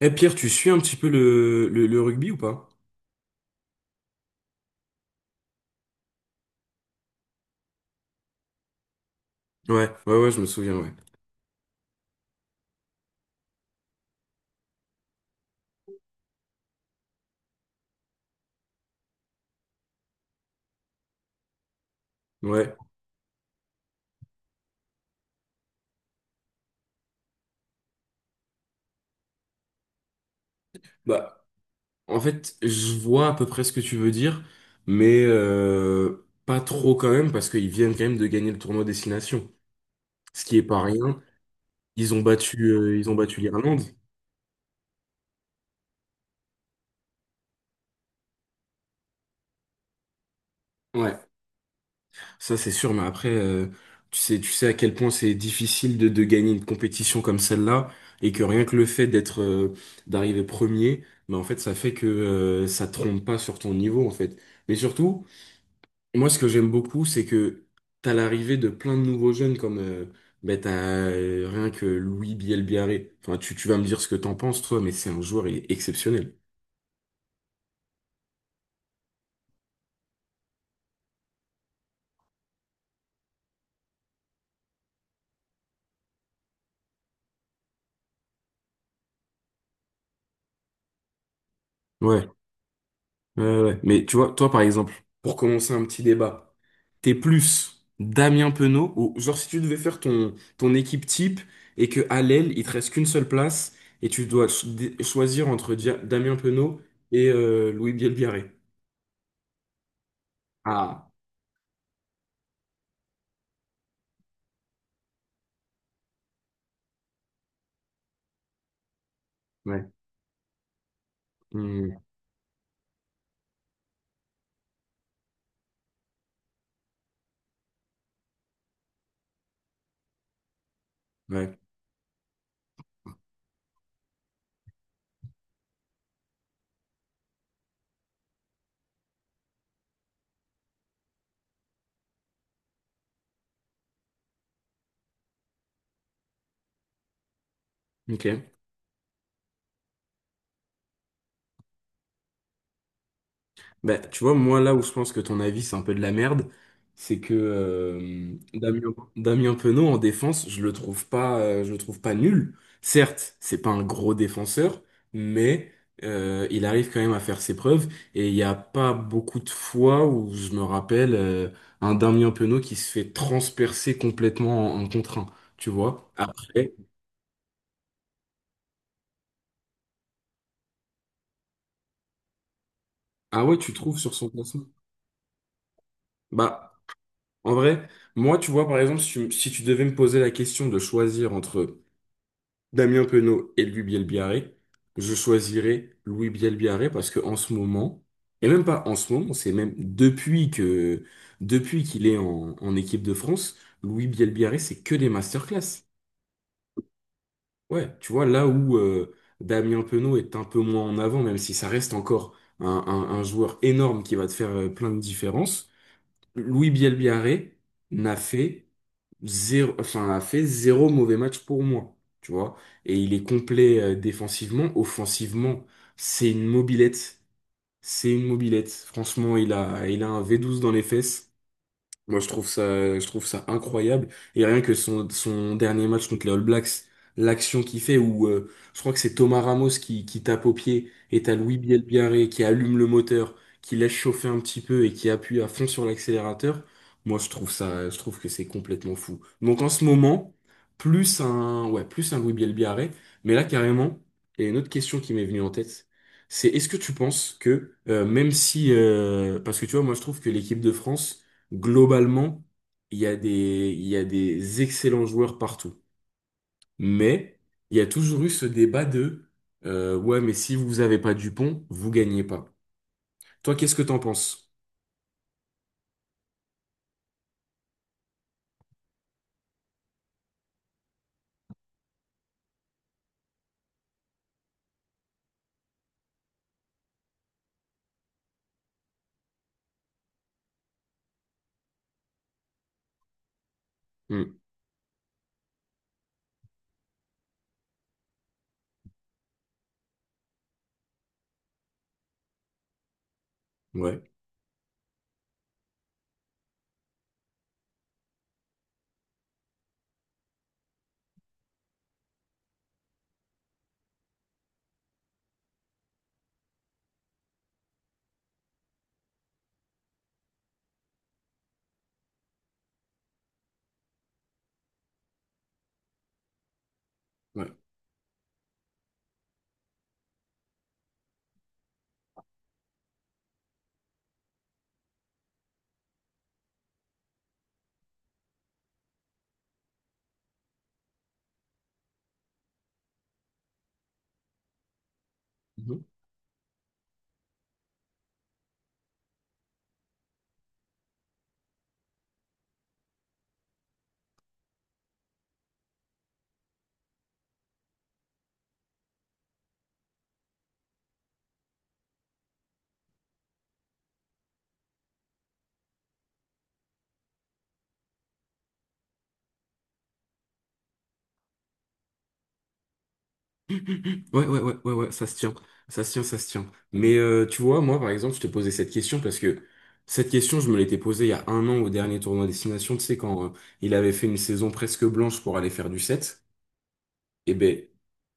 Eh Pierre, tu suis un petit peu le rugby ou pas? Ouais, ouais, ouais, je me souviens, ouais. Ouais. Bah, en fait, je vois à peu près ce que tu veux dire, mais pas trop quand même, parce qu'ils viennent quand même de gagner le tournoi Destination. Ce qui est pas rien. Ils ont battu l'Irlande. Ouais. Ça, c'est sûr, mais après, tu sais à quel point c'est difficile de gagner une compétition comme celle-là, et que rien que le fait d'être, d'arriver premier, bah, en fait, ça fait que, ça te trompe pas sur ton niveau, en fait. Mais surtout, moi, ce que j'aime beaucoup, c'est que t'as l'arrivée de plein de nouveaux jeunes comme, t'as rien que Louis Bielbiaré. Enfin, tu vas me dire ce que t'en penses, toi, mais c'est un joueur, il est exceptionnel. Ouais. Ouais, ouais, ouais. Mais tu vois, toi, par exemple, pour commencer un petit débat, t'es plus Damien Penaud ou genre si tu devais faire ton équipe type et que à l'aile, il te reste qu'une seule place et tu dois choisir entre Damien Penaud et Louis Bielbiarré. Ah, ouais. Hmm, ouais. Ok. Bah, tu vois, moi, là où je pense que ton avis, c'est un peu de la merde, c'est que Damien Penaud, en défense, je le trouve pas nul. Certes, c'est pas un gros défenseur, mais il arrive quand même à faire ses preuves. Et il n'y a pas beaucoup de fois où je me rappelle un Damien Penaud qui se fait transpercer complètement en contre un, tu vois. Après, ah ouais, tu trouves sur son placement? Bah, en vrai, moi, tu vois, par exemple, si tu devais me poser la question de choisir entre Damien Penaud et Louis Bielbiarré, je choisirais Louis Bielbiarré parce que en ce moment, et même pas en ce moment, c'est même depuis qu'il est en équipe de France, Louis Bielbiarré, c'est que des masterclass. Ouais, tu vois, là où Damien Penaud est un peu moins en avant, même si ça reste encore un joueur énorme qui va te faire plein de différences, Louis Bielbiarré n'a fait a fait zéro mauvais match pour moi, tu vois. Et il est complet défensivement, offensivement, c'est une mobilette, c'est une mobilette. Franchement, il a un V12 dans les fesses. Moi, je trouve ça incroyable. Et rien que son dernier match contre les All Blacks, l'action qu'il fait où je crois que c'est Thomas Ramos qui tape au pied et t'as Louis Bielbiarré qui allume le moteur, qui laisse chauffer un petit peu et qui appuie à fond sur l'accélérateur. Moi, je trouve ça, je trouve que c'est complètement fou. Donc en ce moment, plus un, ouais, plus un Louis Bielbiarré. Mais là, carrément, et une autre question qui m'est venue en tête, c'est est-ce que tu penses que même si, parce que tu vois, moi, je trouve que l'équipe de France globalement, il y a des, il y a des excellents joueurs partout. Mais il y a toujours eu ce débat de ouais, mais si vous avez pas Dupont, vous gagnez pas. Toi, qu'est-ce que t'en penses? Hmm, ouais, ouais. Mhm. Ouais, ouais, ouais, ouais, ouais, ça se tient. Ça se tient, ça se tient. Mais tu vois, moi, par exemple, je te posais cette question parce que cette question, je me l'étais posée il y a un an au dernier tournoi Destination, tu sais, quand il avait fait une saison presque blanche pour aller faire du set. Eh ben,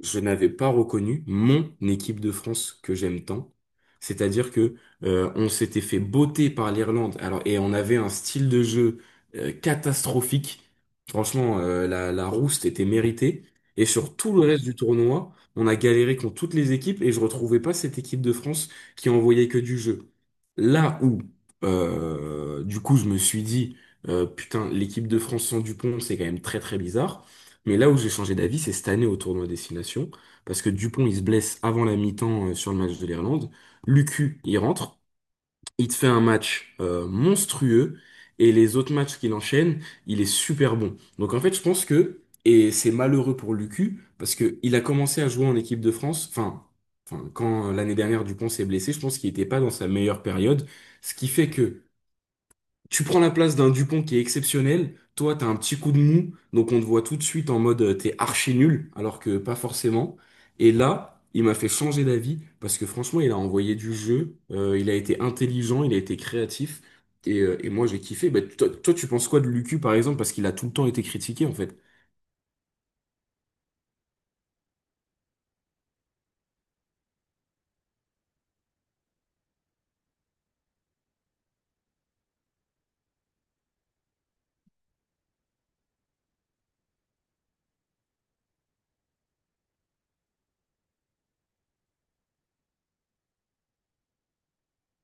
je n'avais pas reconnu mon équipe de France que j'aime tant. C'est-à-dire que on s'était fait botter par l'Irlande. Alors et on avait un style de jeu catastrophique. Franchement, la rouste était méritée. Et sur tout le reste du tournoi, on a galéré contre toutes les équipes et je retrouvais pas cette équipe de France qui envoyait que du jeu. Là où, du coup, je me suis dit, putain, l'équipe de France sans Dupont, c'est quand même très très bizarre. Mais là où j'ai changé d'avis, c'est cette année au tournoi Destination, parce que Dupont, il se blesse avant la mi-temps sur le match de l'Irlande. Lucu, il rentre, il te fait un match monstrueux, et les autres matchs qu'il enchaîne, il est super bon. Donc en fait, je pense que, et c'est malheureux pour Lucu, parce que il a commencé à jouer en équipe de France, quand l'année dernière Dupont s'est blessé, je pense qu'il n'était pas dans sa meilleure période, ce qui fait que tu prends la place d'un Dupont qui est exceptionnel. Toi, t'as un petit coup de mou, donc on te voit tout de suite en mode t'es archi nul, alors que pas forcément. Et là, il m'a fait changer d'avis parce que franchement, il a envoyé du jeu, il a été intelligent, il a été créatif. Et moi, j'ai kiffé. Bah, toi, tu penses quoi de Lucu, par exemple, parce qu'il a tout le temps été critiqué, en fait.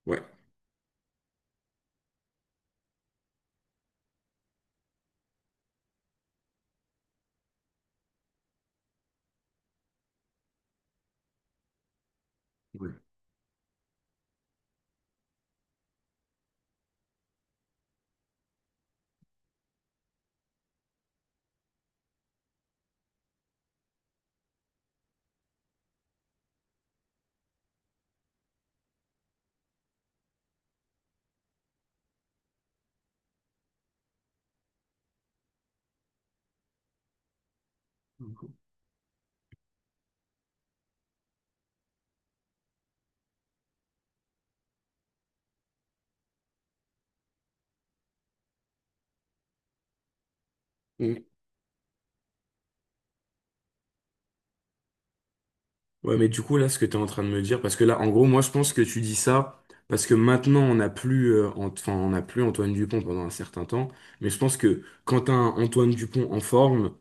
Ouais. Ouais. Mhm. Ouais, mais du coup, là, ce que tu es en train de me dire, parce que là, en gros, moi, je pense que tu dis ça parce que maintenant, on n'a plus, on n'a plus Antoine Dupont pendant un certain temps. Mais je pense que quand tu un Antoine Dupont en forme,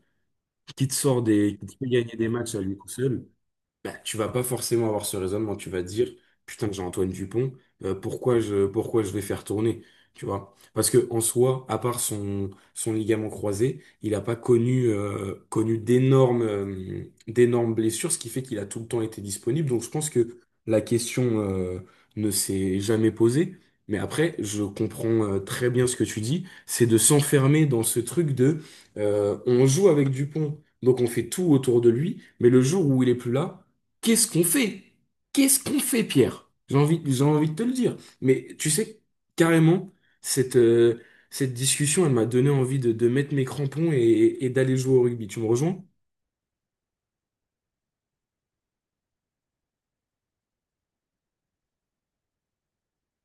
qui te fait gagner des matchs à lui tout seul, bah, tu vas pas forcément avoir ce raisonnement. Tu vas dire, putain, j'ai Antoine Dupont, pourquoi je vais faire tourner? Tu vois? Parce que en soi, à part son ligament croisé, il n'a pas connu, connu d'énormes blessures, ce qui fait qu'il a tout le temps été disponible. Donc je pense que la question, ne s'est jamais posée. Mais après, je comprends très bien ce que tu dis, c'est de s'enfermer dans ce truc de on joue avec Dupont, donc on fait tout autour de lui, mais le jour où il est plus là, qu'est-ce qu'on fait? Qu'est-ce qu'on fait, Pierre? J'ai envie de te le dire. Mais tu sais, carrément, cette, euh, cette discussion, elle m'a donné envie de mettre mes crampons et d'aller jouer au rugby. Tu me rejoins?